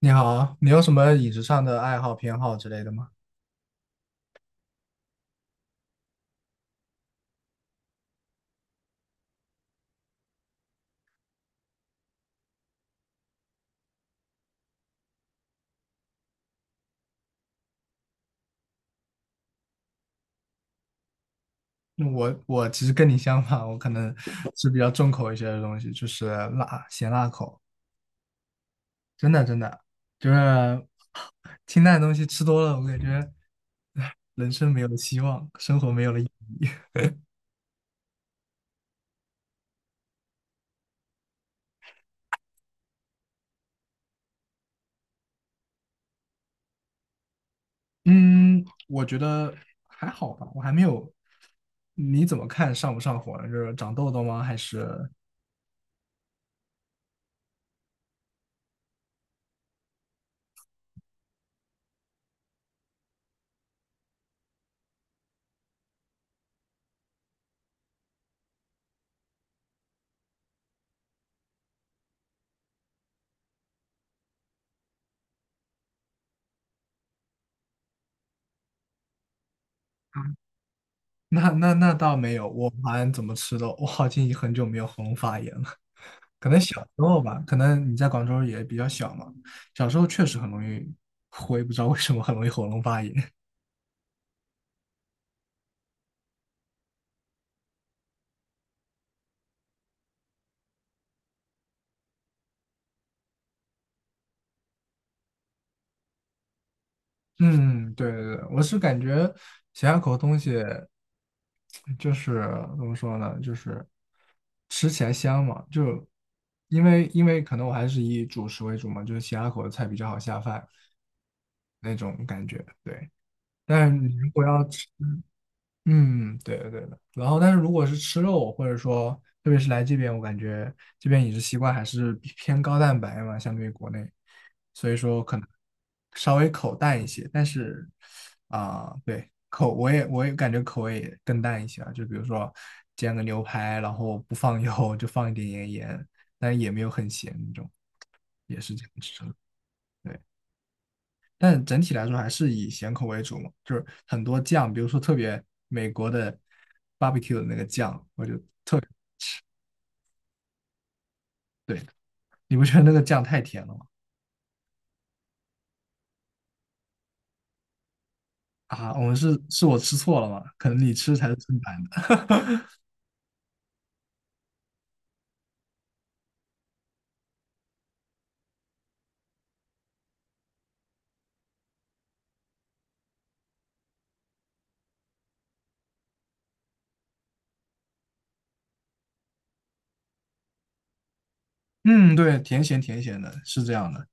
你好，你有什么饮食上的爱好、偏好之类的吗？我其实跟你相反，我可能 是比较重口一些的东西，就是辣、咸辣口。真的真的，就是清淡的东西吃多了，我感觉，唉，人生没有了希望，生活没有了意义。嗯，我觉得还好吧，我还没有。你怎么看上不上火呢？就是长痘痘吗？还是那倒没有，我好像怎么吃都，我好像已经很久没有喉咙发炎了。可能小时候吧，可能你在广州也比较小嘛，小时候确实很容易，我也不知道为什么很容易喉咙发炎。嗯，对对对，我是感觉咸鸭口的东西就是怎么说呢，就是吃起来香嘛，就因为可能我还是以主食为主嘛，就是咸鸭口的菜比较好下饭那种感觉。对，但你如果要吃嗯，对的对的。然后，但是如果是吃肉，或者说特别是来这边，我感觉这边饮食习惯还是偏高蛋白嘛，相对于国内，所以说可能稍微口淡一些。但是啊、对，口我也感觉口味也更淡一些啊，就比如说煎个牛排，然后不放 油，就放一点盐，但也没有很咸那种，也是这样吃的。对，但整体来说还是以咸口为主嘛，就是很多酱，比如说特别美国的 barbecue 的那个酱，我就对，你不觉得那个酱太甜了吗？啊，我们是我吃错了吗？可能你吃才是正版的。嗯，对，甜咸甜咸的，是这样的。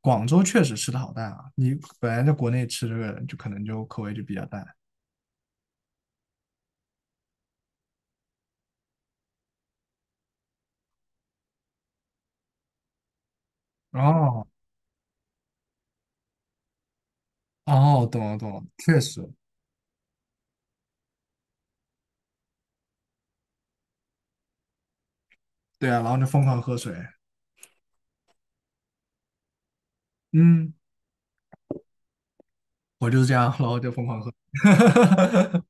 广州确实吃的好淡啊，你本来在国内吃这个就可能就口味就比较淡。哦哦，懂了懂了，确实，对啊，然后就疯狂喝水，嗯，我就是这样，然后就疯狂喝。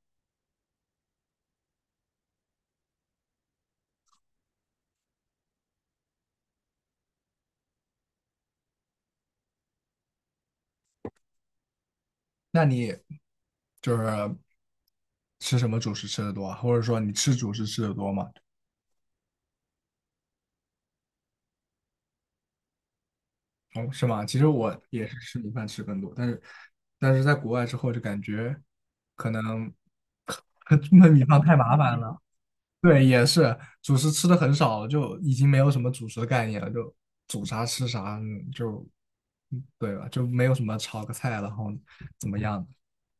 那你就是吃什么主食吃的多啊？或者说你吃主食吃的多吗？哦，是吗？其实我也是吃米饭吃更多，但是在国外之后就感觉可能 焖米饭太麻烦了。对，也是主食吃的很少，就已经没有什么主食的概念了，就煮啥吃啥，嗯就嗯对吧？就没有什么炒个菜，然后怎么样的，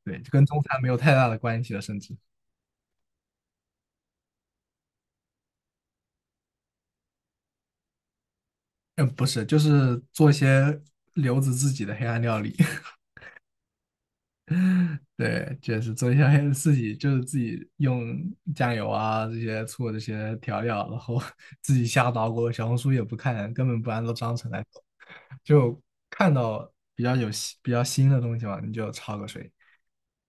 对，就跟中餐没有太大的关系了，甚至。嗯，不是，就是做一些留子自己的黑暗料理，对，就是做一些黑自己，就是自己用酱油啊这些醋这些调料，然后 自己瞎捣鼓，小红书也不看，根本不按照章程来走，就看到比较有新比较新的东西嘛，你就焯个水，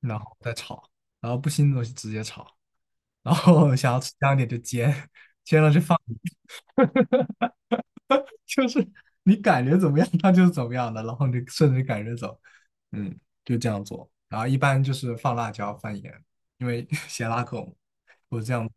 然后再炒，然后不新的东西直接炒，然后 想要吃香一点就煎，煎了就放。就是你感觉怎么样，它就是怎么样的，然后你顺着感觉走，嗯，就这样做。然后一般就是放辣椒、放盐，因为 咸辣口，我这样。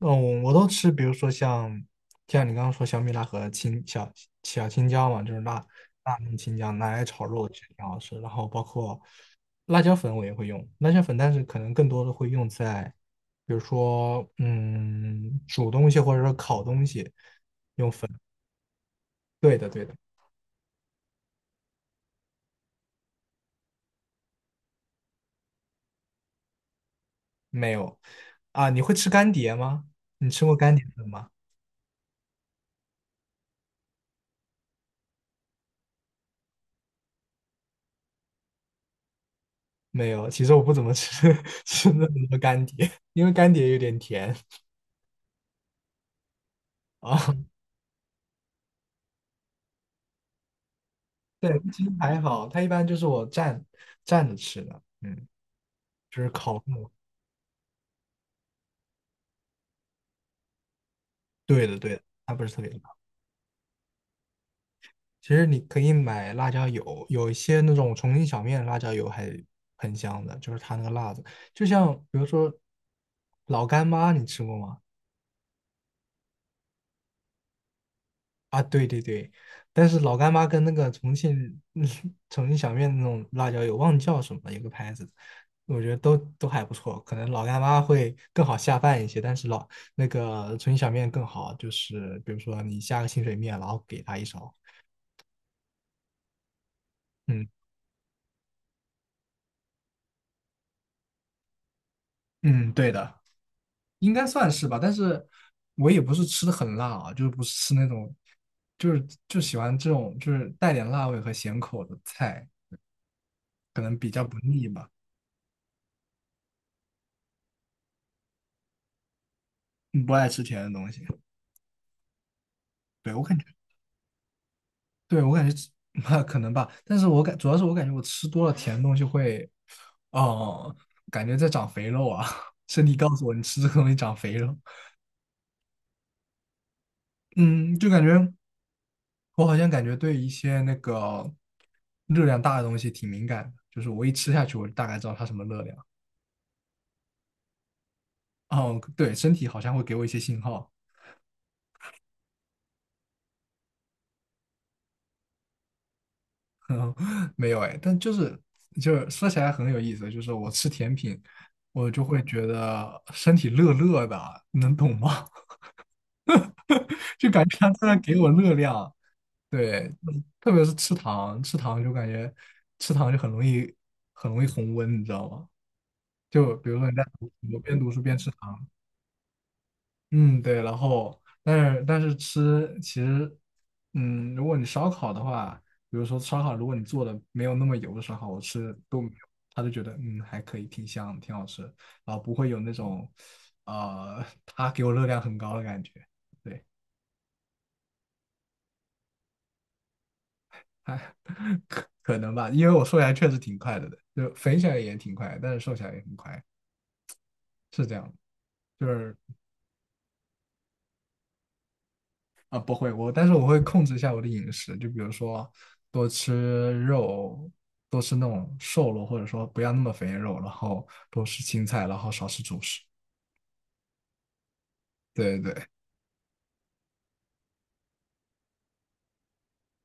嗯，我都吃，比如说像你刚刚说小米辣和青小青椒嘛，就是辣那青椒拿来炒肉其实挺好吃。然后包括辣椒粉我也会用辣椒粉，但是可能更多的会用在比如说嗯煮东西或者说烤东西。用粉，对的对的。没有啊，你会吃干碟吗？你吃过干碟粉吗？没有，其实我不怎么吃 吃那么多干碟，因为干碟有点甜啊。对，其实还好，它一般就是我蘸着吃的，嗯，就是烤肉。对的，对的，它不是特别辣。其实你可以买辣椒油，有一些那种重庆小面的辣椒油还很香的，就是它那个辣子，就像比如说老干妈，你吃过吗？啊，对对对，但是老干妈跟那个重庆嗯 重庆小面那种辣椒油，忘记叫什么了，有个牌子，我觉得都还不错。可能老干妈会更好下饭一些，但是老那个重庆小面更好，就是比如说你下个清水面，然后给他一勺。嗯嗯，对的，应该算是吧。但是我也不是吃的很辣啊，就是不是吃那种，就是就喜欢这种就是带点辣味和咸口的菜，可能比较不腻吧，嗯不爱吃甜的东西。对，我感觉。对，我感觉吃 可能吧，但是我主要是我感觉我吃多了甜的东西会，哦、感觉在长肥肉啊，身体告诉我你吃这个东西长肥肉，嗯，就感觉我好像感觉对一些那个热量大的东西挺敏感的，就是我一吃下去，我就大概知道它什么热量。哦，对，身体好像会给我一些信号，没有哎，但就是说起来很有意思，就是我吃甜品，我就会觉得身体热热的啊，能懂吗？就感觉他突然给我热量。对，嗯特别是吃糖，吃糖就感觉吃糖就很容易红温，你知道吗？就比如说你在读书，边读书边吃糖，嗯，对，然后但是吃其实，嗯，如果你烧烤的话，比如说烧烤，如果你做的没有那么油的烧烤，我吃都没有，他就觉得嗯还可以，挺香，挺好吃，然后不会有那种，它给我热量很高的感觉，对。哎，可能吧，因为我瘦下来确实挺快的，就肥起来也挺快，但是瘦下来也很快，是这样的。就是啊，不会，我但是我会控制一下我的饮食，就比如说多吃肉，多吃那种瘦肉，或者说不要那么肥的肉，然后多吃青菜，然后少吃主食。对对对，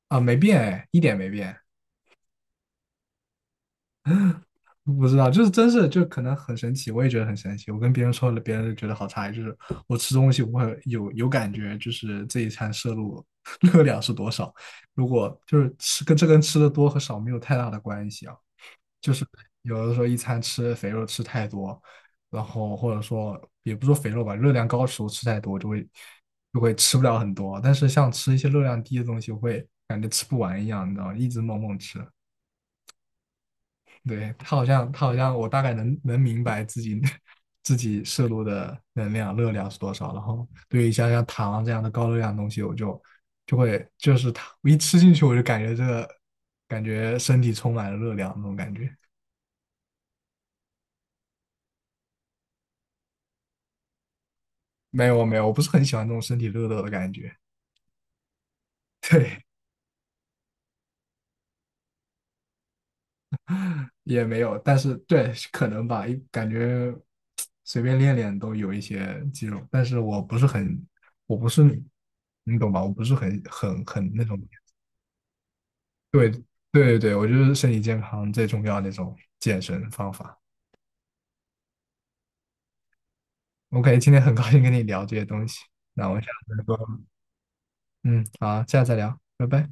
啊，没变哎，一点没变。不知道，就是真是就可能很神奇，我也觉得很神奇。我跟别人说了，别人就觉得好诧异，就是我吃东西我会有感觉，就是这一餐摄入 热量是多少。如果就是吃跟吃的多和少没有太大的关系啊，就是有的时候一餐吃肥肉吃太多，然后或者说也不说肥肉吧，热量高的食物吃太多就会吃不了很多，但是像吃一些热量低的东西，我会感觉吃不完一样，你知道吗，一直猛猛吃。对，他好像,我大概能明白自己 自己摄入的能量热量是多少。然后对于像糖啊这样的高热量的东西，我就是它我一吃进去，我就感觉身体充满了热量那种感觉。没有没有，我不是很喜欢那种身体热热的感觉。对，也没有，但是对，可能吧，一感觉随便练练都有一些肌肉，但是我不是很，我不是，你懂吧？我不是很那种对对对，我觉得身体健康最重要的那种健身方法。OK，今天很高兴跟你聊这些东西，那我想下次再说，嗯，好，下次再聊，拜拜。